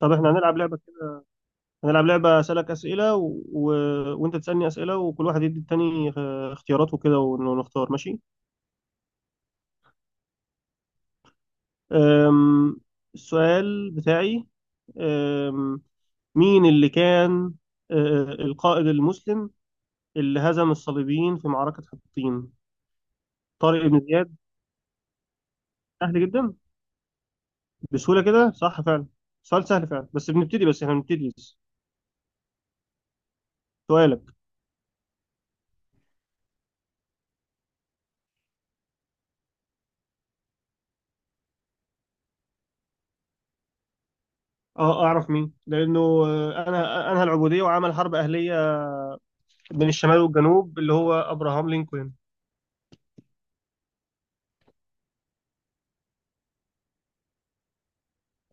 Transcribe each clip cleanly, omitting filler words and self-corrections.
طب احنا هنلعب لعبة كده. هنلعب لعبة أسألك أسئلة و... و... وأنت تسألني أسئلة، وكل واحد يدي التاني اختيارات وكده ون- ونختار، ماشي. أم... السؤال بتاعي. أم... مين اللي كان القائد المسلم اللي هزم الصليبيين في معركة حطين؟ طارق بن زياد. سهل جدا، بسهولة كده، صح فعلا. سؤال سهل فعلا بس بنبتدي، بس احنا بنبتدي بس. سؤالك. اه اعرف مين، لانه انا انهى العبوديه وعمل حرب اهليه بين الشمال والجنوب، اللي هو ابراهام لينكولن.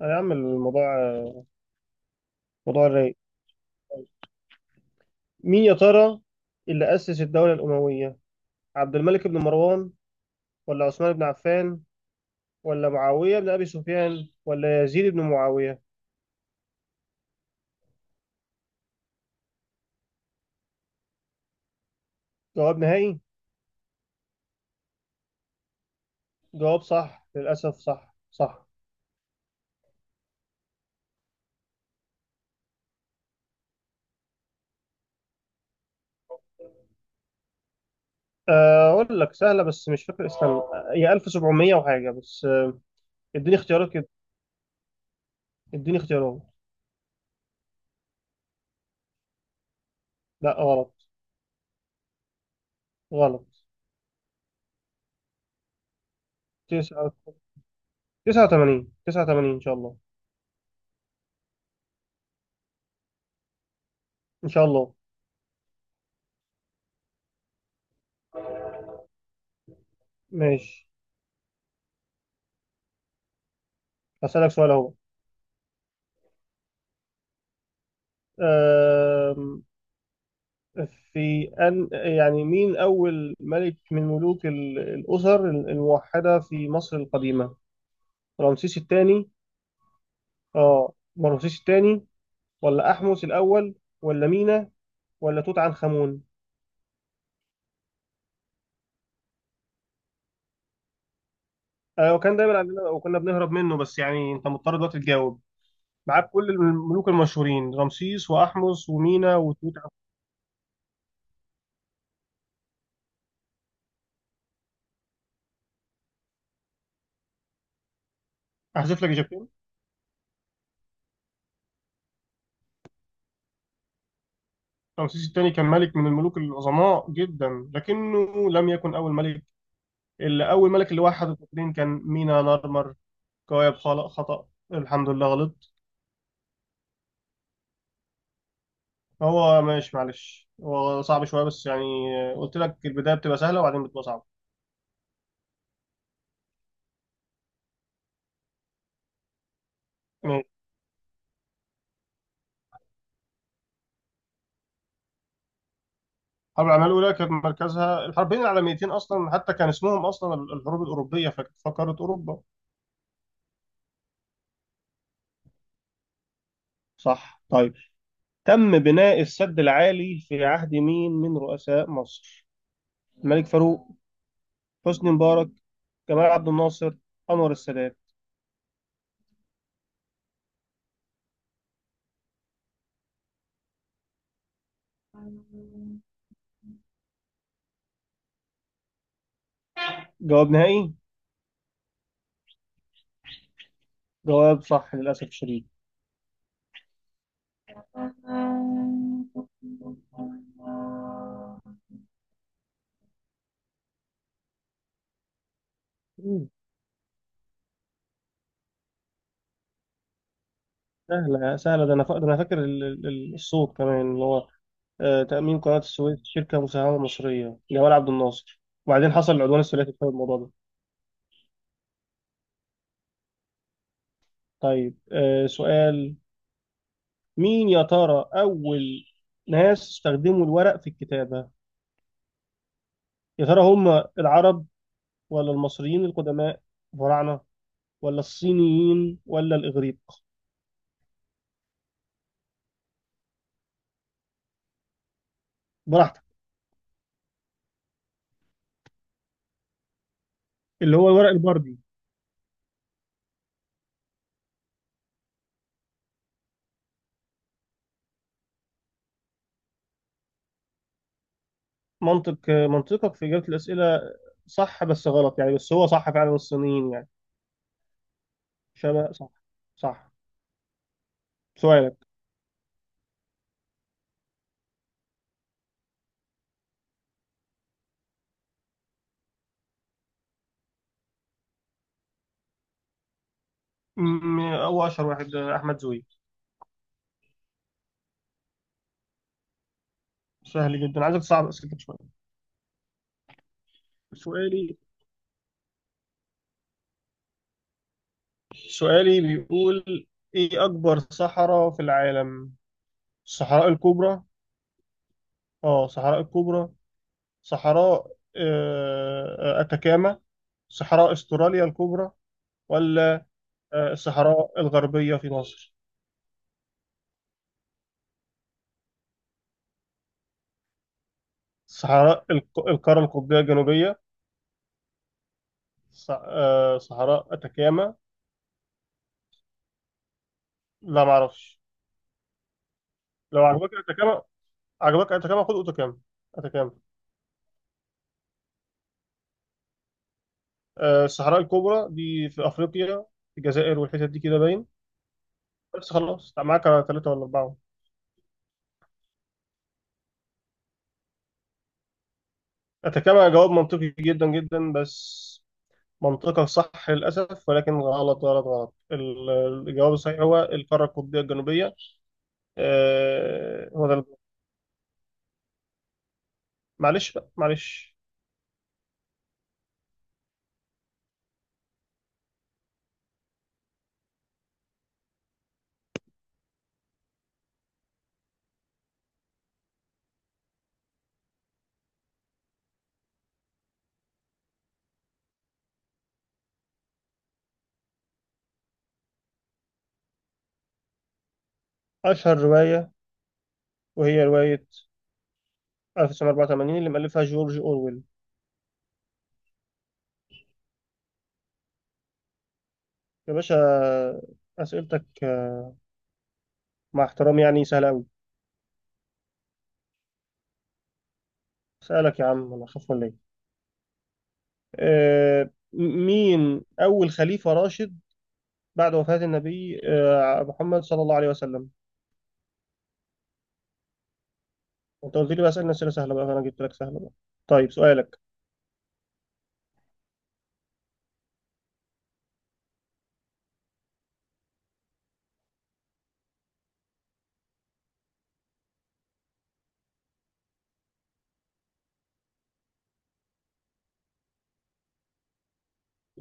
هيعمل الموضوع موضوع رايق. مين يا ترى اللي اسس الدوله الامويه؟ عبد الملك بن مروان، ولا عثمان بن عفان، ولا معاويه بن ابي سفيان، ولا يزيد بن معاويه؟ جواب نهائي. جواب صح للاسف، صح صح. اقول لك سهله بس مش فاكر اسمها، هي 1700 وحاجه بس، اديني اختيارات كده، اديني اختيارات. لا غلط. غلط. 89. 89 ان شاء الله. ان شاء الله. ماشي، هسألك سؤال اهو. آم، في أن يعني مين أول ملك من ملوك الأسر الموحدة في مصر القديمة؟ رمسيس الثاني، آه، رمسيس الثاني، ولا أحمس الأول، ولا مينا، ولا توت عنخ آمون؟ آه، وكان دايما عندنا وكنا بنهرب منه، بس يعني أنت مضطر دلوقتي تجاوب. معاك كل الملوك المشهورين، رمسيس وأحمس ومينا وتوت عنخ. أحذف لك إجابتين. رمسيس الثاني كان ملك من الملوك العظماء جدا، لكنه لم يكن أول ملك. اللي اول ملك اللي وحد القطرين كان مينا نارمر. كواكب خلق خطأ، الحمد لله. غلط. هو ماشي، معلش، هو صعب شويه بس يعني قلت لك البدايه بتبقى سهله وبعدين بتبقى صعبه. ماشي. الحرب العالميه الاولى كانت مركزها الحربين العالميتين اصلا، حتى كان اسمهم اصلا الحروب الاوروبيه، فكانت فقاره اوروبا. صح. طيب، تم بناء السد العالي في عهد مين من رؤساء مصر؟ الملك فاروق، حسني مبارك، جمال عبد الناصر، انور السادات؟ جواب نهائي. جواب صح للاسف الشديد. سهلة سهلة، ده أنا فاكر الصوت كمان اللي هو تأمين قناة السويس شركة مساهمة مصرية، جمال عبد الناصر. وبعدين حصل العدوان الثلاثي بسبب الموضوع ده. طيب سؤال. مين يا ترى أول ناس استخدموا الورق في الكتابة؟ يا ترى هم العرب، ولا المصريين القدماء الفراعنة، ولا الصينيين، ولا الإغريق؟ براحتك. اللي هو الورق البردي. منطق، منطقك في إجابة الأسئلة صح بس غلط، يعني بس هو صح فعلا الصينيين يعني. شبه صح. صح. سؤالك. م- هو اشهر واحد احمد زويل. سهل جدا، عايزك تصعب اسئلتك شويه. سؤالي، سؤالي بيقول ايه اكبر صحراء في العالم؟ الصحراء الكبرى، اه صحراء الكبرى، صحراء اتاكاما، صحراء استراليا الكبرى، ولا الصحراء الغربيه في مصر، صحراء القاره القطبيه الجنوبيه، صحراء اتاكاما. لا معرفش. لو عجبك اتاكاما، عجبك اتacama خد اوتاكام، اتacama. الصحراء الكبرى دي في افريقيا، في الجزائر والحتت دي كده باين. بس خلاص، معاك ثلاثة ولا أربعة. اتacama جواب منطقي جدا جدا بس منطقة صح للأسف، ولكن غلط غلط غلط. الجواب الصحيح هو القارة القطبية الجنوبية، هو ده الجواب. معلش بقى، معلش. أشهر رواية، وهي رواية 1984، اللي مألفها جورج أورويل. يا باشا، أسئلتك مع احترامي يعني سهلة أوي. سألك يا عم؟ أنا أخاف ولا إيه؟ مين أول خليفة راشد بعد وفاة النبي محمد صلى الله عليه وسلم؟ أنت قلت لي بقى أسئلة، أسئلة سهلة بقى، فأنا جبت لك سهلة بقى. طيب سؤالك.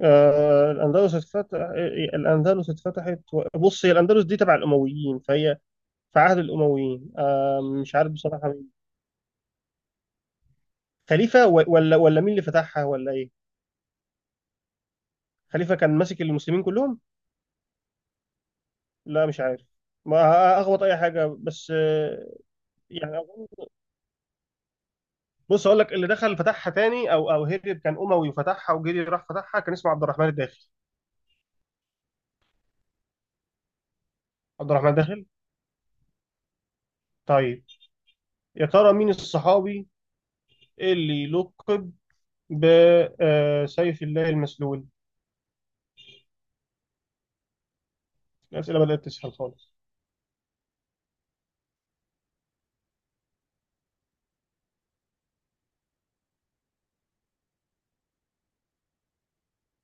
الأندلس اتفتح، الأندلس اتفتحت، بص هي الأندلس دي تبع الأمويين، فهي في عهد الأمويين، مش عارف بصراحة مين. خليفة، ولا مين اللي فتحها، ولا إيه؟ خليفة كان ماسك المسلمين كلهم؟ لا مش عارف، ما أخبط أي حاجة بس، يعني أظن. بص اقول لك، اللي دخل فتحها تاني او هرب كان اموي، وفتحها وجري راح فتحها، كان اسمه عبد الرحمن الداخل. عبد الرحمن الداخل. طيب يا ترى مين الصحابي اللي لقب بسيف الله المسلول؟ الاسئله بدات تسهل خالص.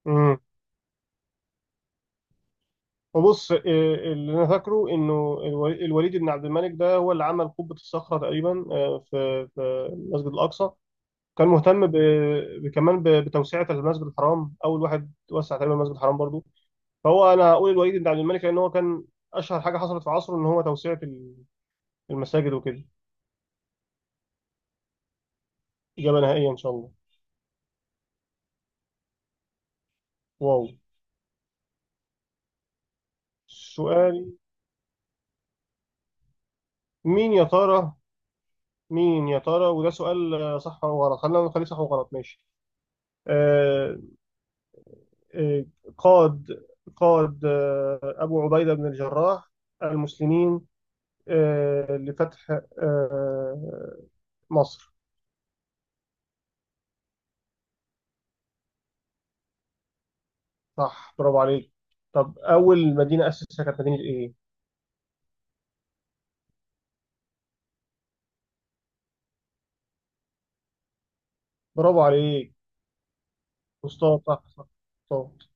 امم وبص، اللي انا فاكره انه الوليد بن عبد الملك، ده هو اللي عمل قبه الصخره تقريبا، في المسجد الاقصى. كان مهتم كمان بتوسعه المسجد الحرام، اول واحد وسع تقريبا المسجد الحرام برضو. فهو انا اقول الوليد بن عبد الملك، لان هو كان اشهر حاجه حصلت في عصره ان هو توسعه المساجد وكده. اجابه نهائيه ان شاء الله. واو. سؤال. مين يا ترى مين يا ترى وده سؤال صح وغلط، خلينا نخليه صح وغلط ماشي. آه آه قاد قاد ابو عبيده بن الجراح المسلمين آه لفتح آه مصر. صح، برافو عليك. طب اول مدينه اسسها كانت مدينه ايه؟ برافو عليك، مصطفى، صح صح صح.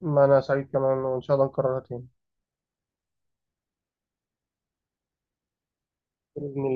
ما أنا سعيد كمان، وإن شاء الله نكررها تاني. بإذن